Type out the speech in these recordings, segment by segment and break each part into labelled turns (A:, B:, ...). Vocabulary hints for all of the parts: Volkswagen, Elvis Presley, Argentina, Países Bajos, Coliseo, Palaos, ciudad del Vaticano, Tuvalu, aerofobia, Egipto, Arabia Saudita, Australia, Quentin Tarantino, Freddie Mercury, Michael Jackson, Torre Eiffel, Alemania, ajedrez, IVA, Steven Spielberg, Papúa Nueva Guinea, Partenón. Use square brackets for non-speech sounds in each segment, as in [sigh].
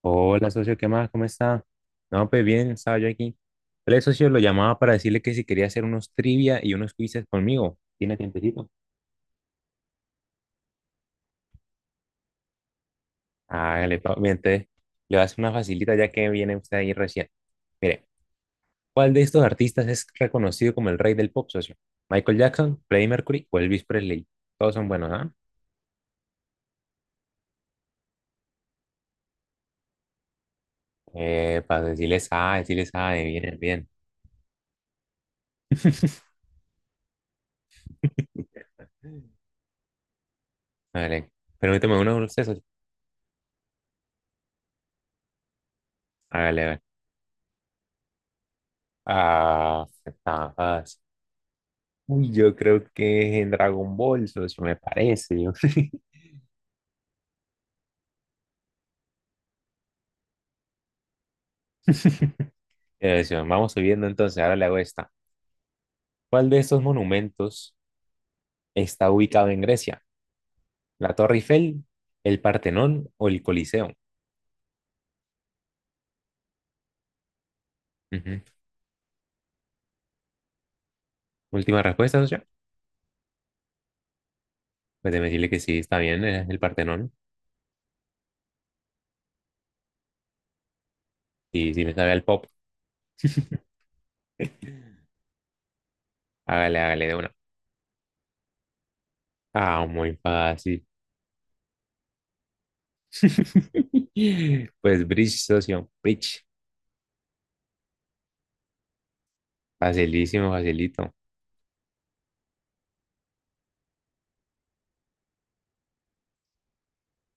A: Hola, socio, ¿qué más? ¿Cómo está? No, pues bien, estaba yo aquí. El socio lo llamaba para decirle que si quería hacer unos trivia y unos quizzes conmigo. ¿Tiene tiempecito? Hágale, papi. Entonces, le voy a hacer una facilita ya que viene usted ahí recién. Mire, ¿cuál de estos artistas es reconocido como el rey del pop, socio? ¿Michael Jackson, Freddie Mercury o Elvis Presley? Todos son buenos, ¿ah? Para decirles ah, bien, bien. [laughs] Hágale. Permíteme uno de ustedes, socio. Hágale, hágale. Ah, está fácil. Uy, yo creo que es en Dragon Ball, socio, me parece. Yo. [laughs] Socio, vamos subiendo entonces, ahora le hago esta. ¿Cuál de estos monumentos está ubicado en Grecia? ¿La Torre Eiffel, el Partenón o el Coliseo? Ujú. Última respuesta, socio. Pues déjeme decirle que sí, está bien, es el Partenón. Y si le sabe al pop, hágale, hágale de una. Ah, muy fácil. [laughs] Pues bridge, socio, bridge. Facilísimo, facilito.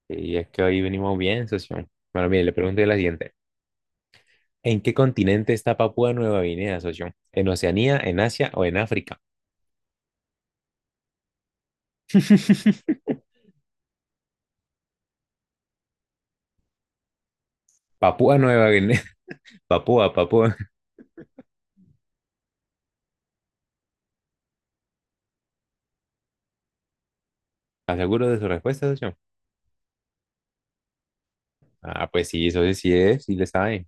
A: Y es que hoy venimos bien, socio. Bueno, mire, le pregunto la siguiente. ¿En qué continente está Papúa Nueva Guinea, socio? ¿En Oceanía, en Asia o en África? [laughs] Papúa Nueva Guinea. [laughs] Papúa, Papúa. ¿Estás seguro de su respuesta, socio? Ah, pues sí, socio, sí es, sí le sabe.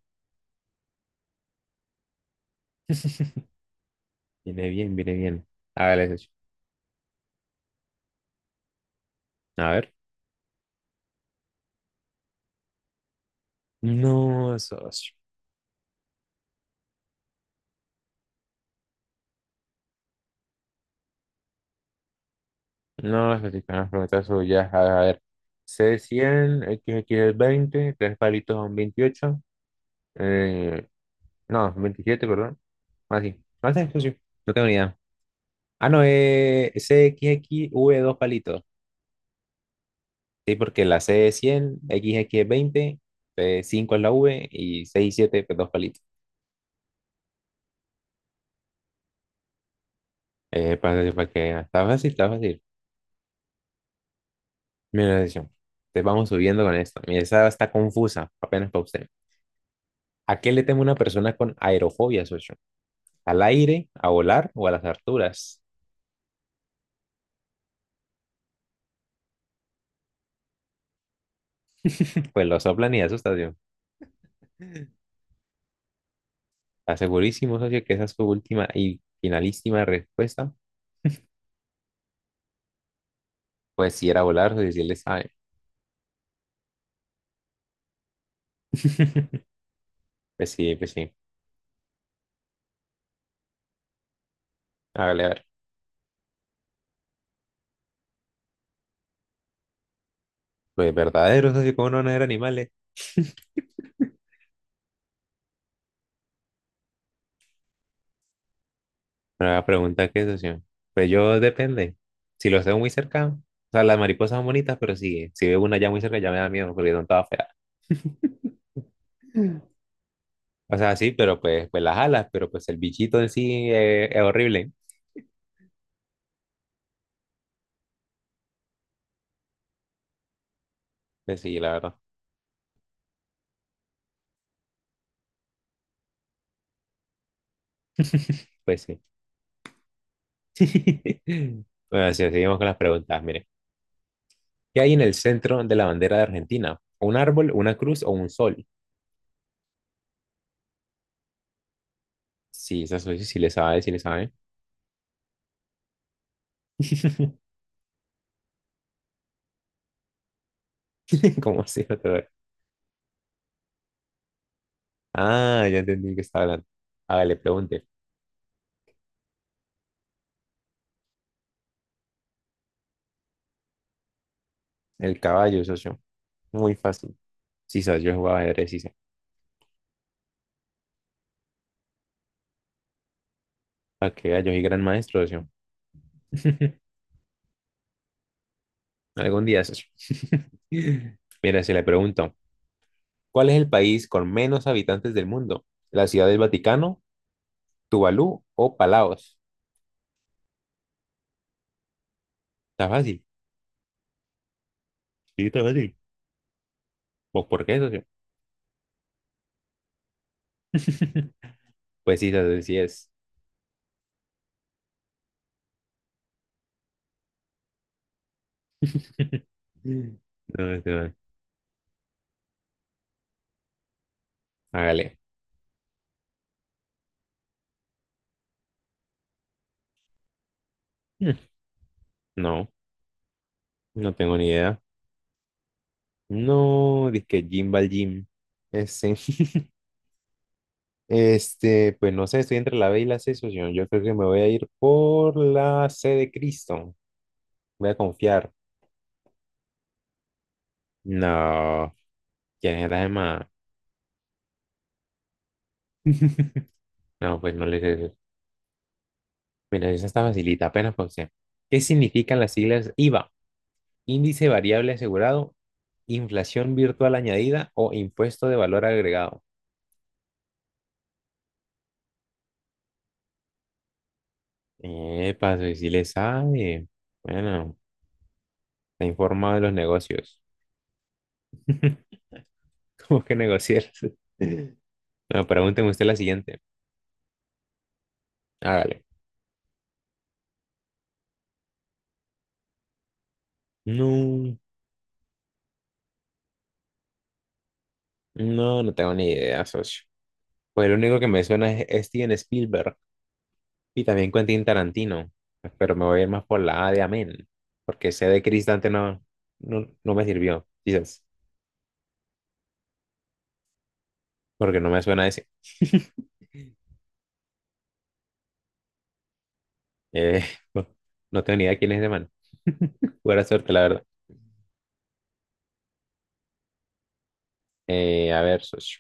A: [laughs] Viene bien, viene bien. Hágale, socio. A ver. No, socio. No, socio, con las preguntas suyas. A ver. C100, XX es 20, tres palitos son veintiocho. Eh, no, 27, perdón. Así. No sé, socio. No tengo ni idea. Ah, no, V dos palitos. Sí, porque la C es cien, X X es veinte, 5 es la V y 6 y 7 pues dos palitos. Para que está fácil, está fácil. Mira, atención. Te vamos subiendo con esto. Mira, esa está confusa, apenas para usted. ¿A qué le teme una persona con aerofobia, socio? ¿Al aire, a volar o a las alturas? Pues lo soplan y asustan, tío. Está segurísimo, socio, que esa es su última y finalísima respuesta. Pues si era volar, socio, si él le sabe. [laughs] Pues sí, pues sí. Hágale, a ver. Pues verdaderos, así como no van a ser animales. Pero la pregunta que es, socio. Pues yo depende. Si los veo muy cerca, o sea, las mariposas son bonitas, pero sí, si veo una ya muy cerca ya me da miedo porque son todas feas. Mm. O sea, sí, pero pues las alas, pero pues el bichito en sí es horrible. Pues sí, la verdad. Pues sí. [laughs] Bueno, sí, seguimos con las preguntas. Mire, ¿qué hay en el centro de la bandera de Argentina? ¿Un árbol, una cruz o un sol? Sí, esa soy, sí le sabe, sí le sabe. [laughs] ¿Cómo así? No te veo. Ah, ya entendí de qué estaba hablando. Hágale, pregunte. El caballo, socio. Muy fácil. Sí, socio, yo jugaba ajedrez, sí, sé. ¿Para qué gallo y gran maestro, socio? [laughs] Algún día, socio. [laughs] Mira, si le pregunto, ¿cuál es el país con menos habitantes del mundo? ¿La ciudad del Vaticano, Tuvalu o Palaos? Está fácil. Sí, está fácil. ¿Vos por qué, socio? [laughs] Pues sí, socio, sí es. [laughs] No, no, no. Hágale. Hmm, No, no tengo ni idea. No, dizque Jim va al gym. Este, [laughs] este, pues no sé, estoy entre la B y la C, socio. Yo creo que me voy a ir por la C de Cristo. Voy a confiar. No, ¿quién es la demás? [laughs] No, pues no le sé. Mira, esa está facilita, apenas para usted. ¿Qué significan las siglas IVA? Índice variable asegurado, inflación virtual añadida o impuesto de valor agregado. Epa, si le sabe. Bueno, está informado de los negocios. [laughs] Cómo que negociar. [laughs] No, pregúnteme usted la siguiente. Hágale. No, no, no tengo ni idea, socio. Pues el único que me suena es Steven Spielberg y también Quentin Tarantino. Pero me voy a ir más por la A de Amén, porque C de Cristante no, no, no me sirvió, quizás, porque no me suena ese. [laughs] Eh, no, no tengo ni idea quién es ese man. Buena suerte, la verdad. A ver, socio.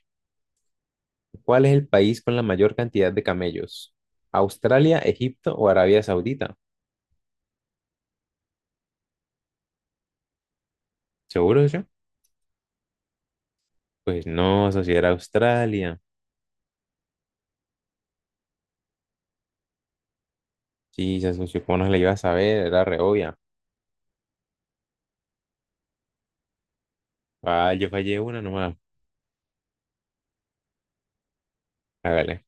A: ¿Cuál es el país con la mayor cantidad de camellos? ¿Australia, Egipto o Arabia Saudita? ¿Seguro, socio? Pues no, socio, era Australia. Sí, ya socio, ¿cómo no se la iba a saber? Era re obvia. Ah, yo fallé una nomás. Hágale.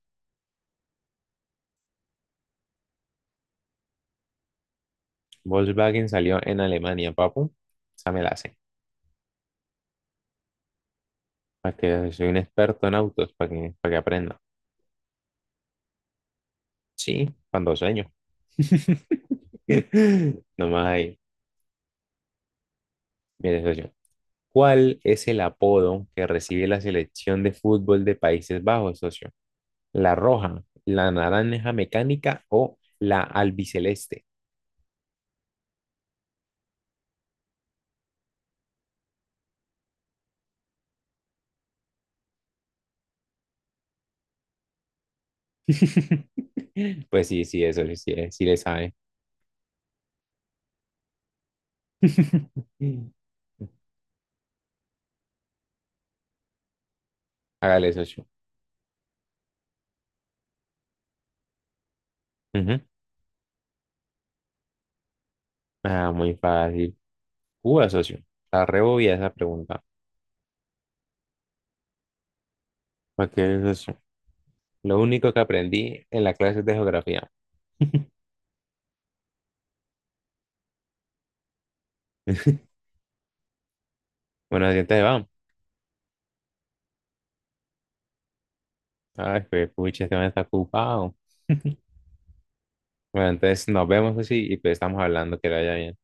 A: Volkswagen salió en Alemania, papu. Esa me la hace. Para que vea, soy un experto en autos, para que aprenda. Sí, cuando sueño. [laughs] Nomás ahí. Mire, socio. ¿Cuál es el apodo que recibe la selección de fútbol de Países Bajos, socio? ¿La roja, la naranja mecánica o la albiceleste? [laughs] Pues sí, sí, eso sí, sí, sí le sabe. [laughs] Hágale, socio. Ujú. Ah, muy fácil. Uy, socio. La rebobia esa pregunta. ¿Para qué, socio? Lo único que aprendí en la clase de geografía. Bueno, así entonces vamos. Ay, pues, pucha, este man está ocupado. Bueno, entonces nos vemos, socio, y pues estamos hablando, que le vaya bien.